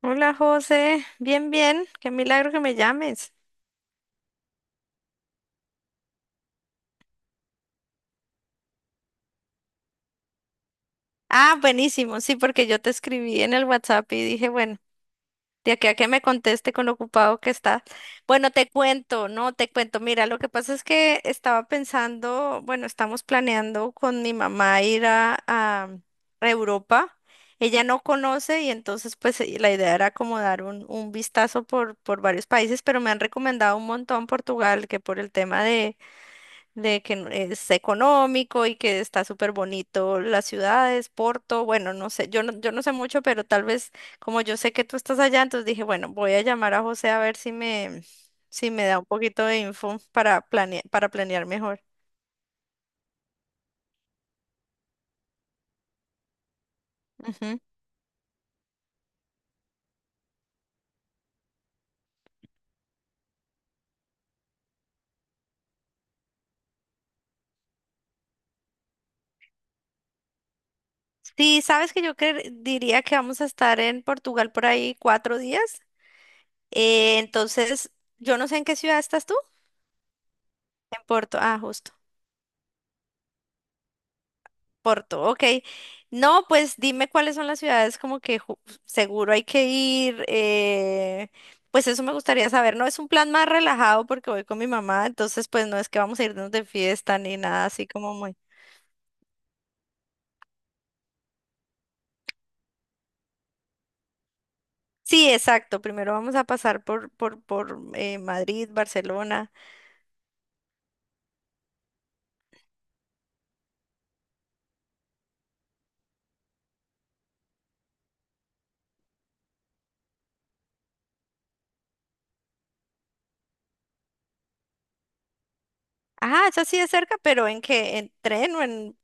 Hola José, bien, bien, qué milagro que me llames. Ah, buenísimo, sí, porque yo te escribí en el WhatsApp y dije, bueno, de aquí a que me conteste con lo ocupado que está. Bueno, te cuento, no, te cuento. Mira, lo que pasa es que estaba pensando, bueno, estamos planeando con mi mamá ir a Europa. Ella no conoce y entonces pues la idea era como dar un vistazo por varios países, pero me han recomendado un montón Portugal, que por el tema de que es económico y que está súper bonito las ciudades, Porto, bueno, no sé, yo no sé mucho, pero tal vez como yo sé que tú estás allá, entonces dije, bueno, voy a llamar a José a ver si me da un poquito de info para planear mejor. Ujú. Sí, sabes que diría que vamos a estar en Portugal por ahí cuatro días. Eh, entonces, yo no sé en qué ciudad estás tú. En Porto, ah, justo. Porto, ok. No, pues dime cuáles son las ciudades como que seguro hay que ir. Pues eso me gustaría saber. No es un plan más relajado porque voy con mi mamá, entonces pues no es que vamos a irnos de fiesta ni nada así como muy. Sí, exacto. Primero vamos a pasar por Madrid, Barcelona. Ah, eso sí es cerca, pero ¿en qué? ¿En tren o en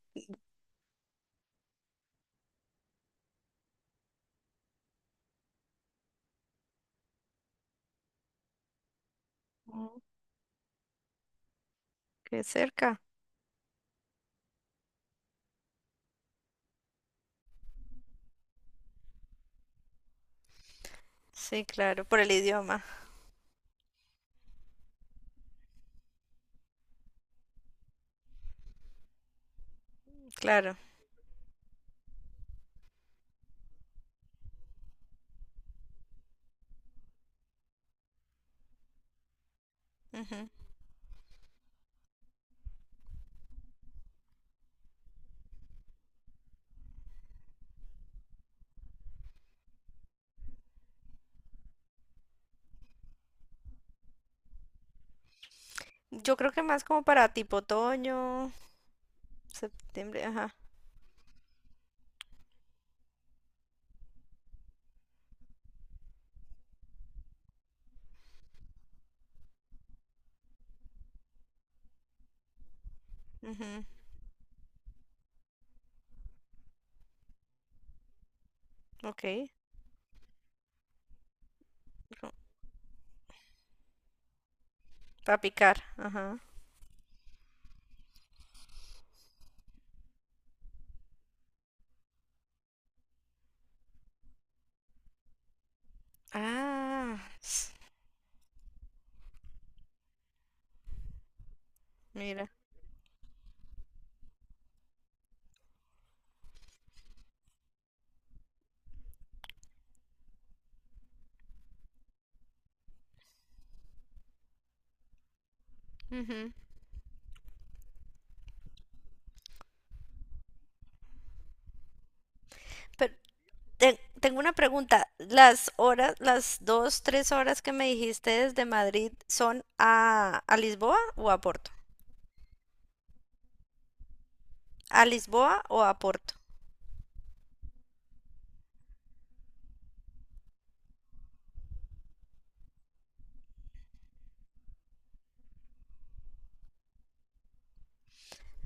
oh, qué cerca? Sí, claro, por el idioma, claro. Ujú. Yo creo que más como para tipo otoño, septiembre, ajá. Ujú, ok, para picar, ajá. Ah, s- Mira. Ujú. Pero tengo una pregunta. Las horas, las dos, tres horas que me dijiste desde Madrid, ¿son a Lisboa o a Porto? ¿A Lisboa o a Porto?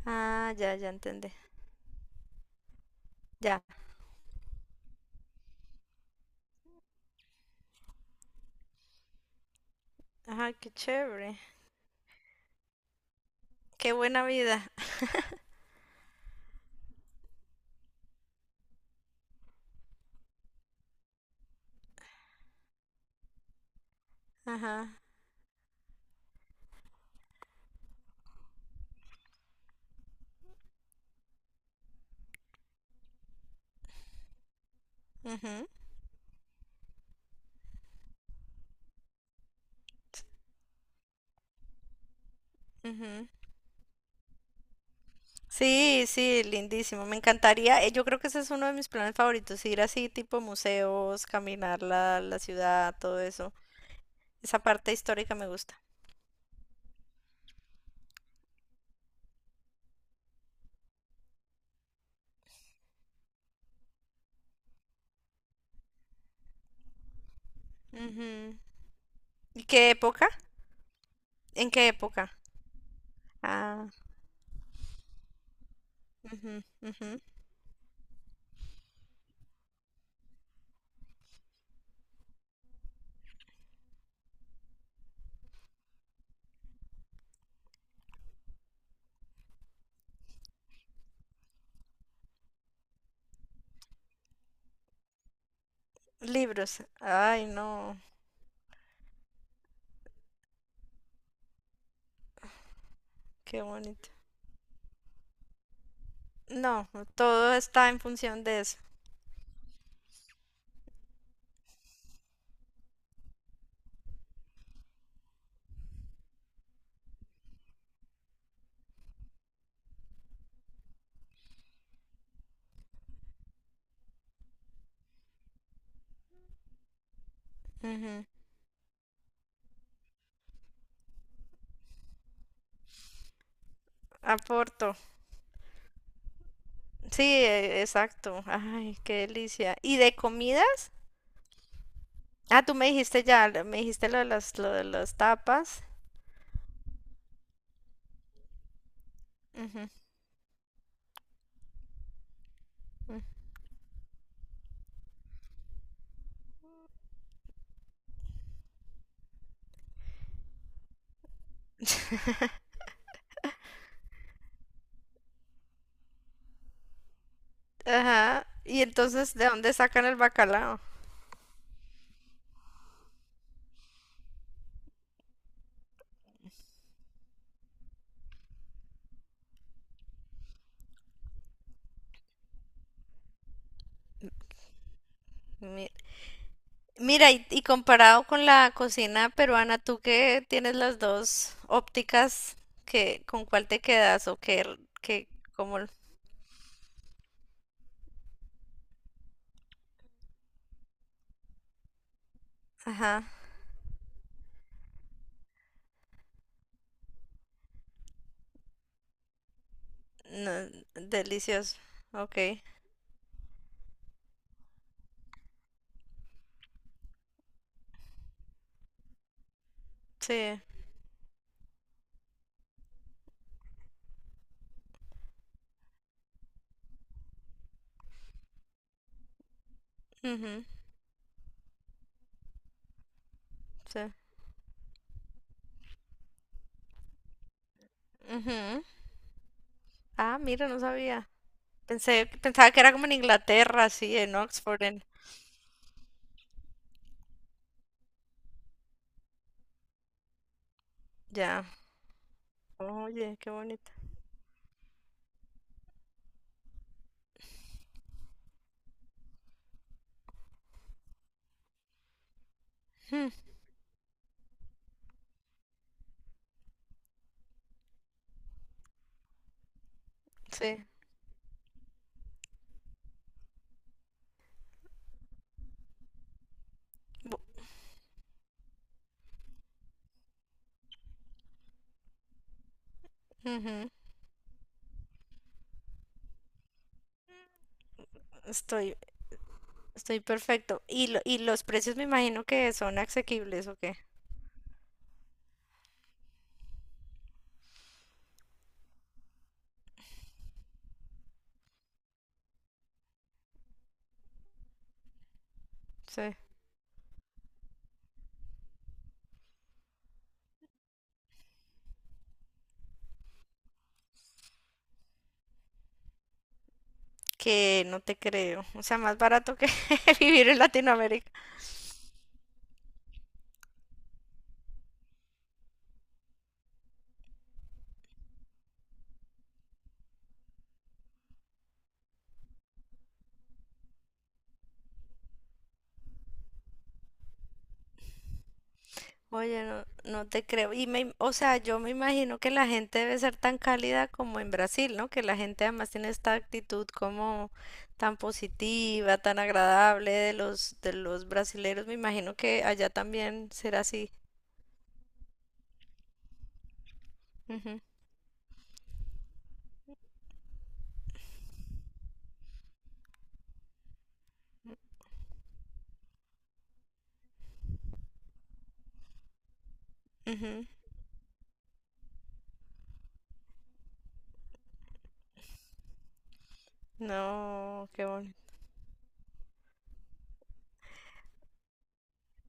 Ah, ya, ya entendí. Ya. Ajá, qué chévere. Qué buena vida. Ajá. Ujú, ujú. Sí, sí, lindísimo. Me encantaría. Yo creo que ese es uno de mis planes favoritos, ir así tipo museos, caminar la ciudad, todo eso. Esa parte histórica me gusta. Ujú. ¿Y qué época? ¿En qué época? Ah, ujú, ujú. Libros. Ay, no, qué bonito. No, todo está en función de eso. Ujú. Aporto. Sí, exacto. Ay, qué delicia. ¿Y de comidas? Ah, tú me dijiste ya, me dijiste lo de lo de las tapas. Ujú, ujú. Ajá. Y entonces, ¿de dónde sacan el bacalao? Mi- Mira, y comparado con la cocina peruana, tú que tienes las dos ópticas, que, ¿con cuál te quedas? ¿O qué, qué, cómo? Ajá. No, delicioso. Ok. Sí. Ujú, sí. Ujú. Ah, mira, no sabía. Pensé, pensaba que era como en Inglaterra, sí, en Oxford, en... Ya. Oye, qué bonito. Hmm, sí. Bu- Ujú. Estoy Estoy perfecto. Y los precios me imagino que son asequibles o qué. Sí. Que no te creo. O sea, más barato que vivir en Latinoamérica. Oye, no, no te creo. Y me, o sea, yo me imagino que la gente debe ser tan cálida como en Brasil, ¿no? Que la gente además tiene esta actitud como tan positiva, tan agradable de de los brasileros. Me imagino que allá también será así. Ujú, ujú. No, qué bueno.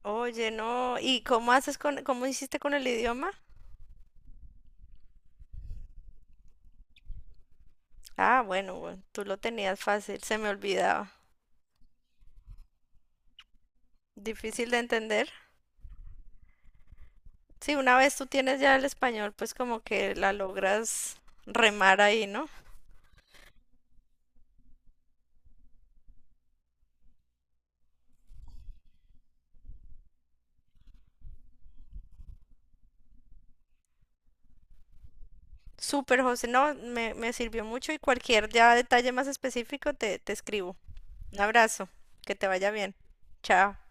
Oye, no, ¿y cómo haces con, cómo hiciste con el idioma? Ah, bueno, bueno, tú lo tenías fácil, se me olvidaba. Difícil de entender. Sí, una vez tú tienes ya el español, pues como que la logras remar ahí, ¿no? Súper, José, no, me sirvió mucho y cualquier ya detalle más específico te escribo. Un abrazo, que te vaya bien. Chao.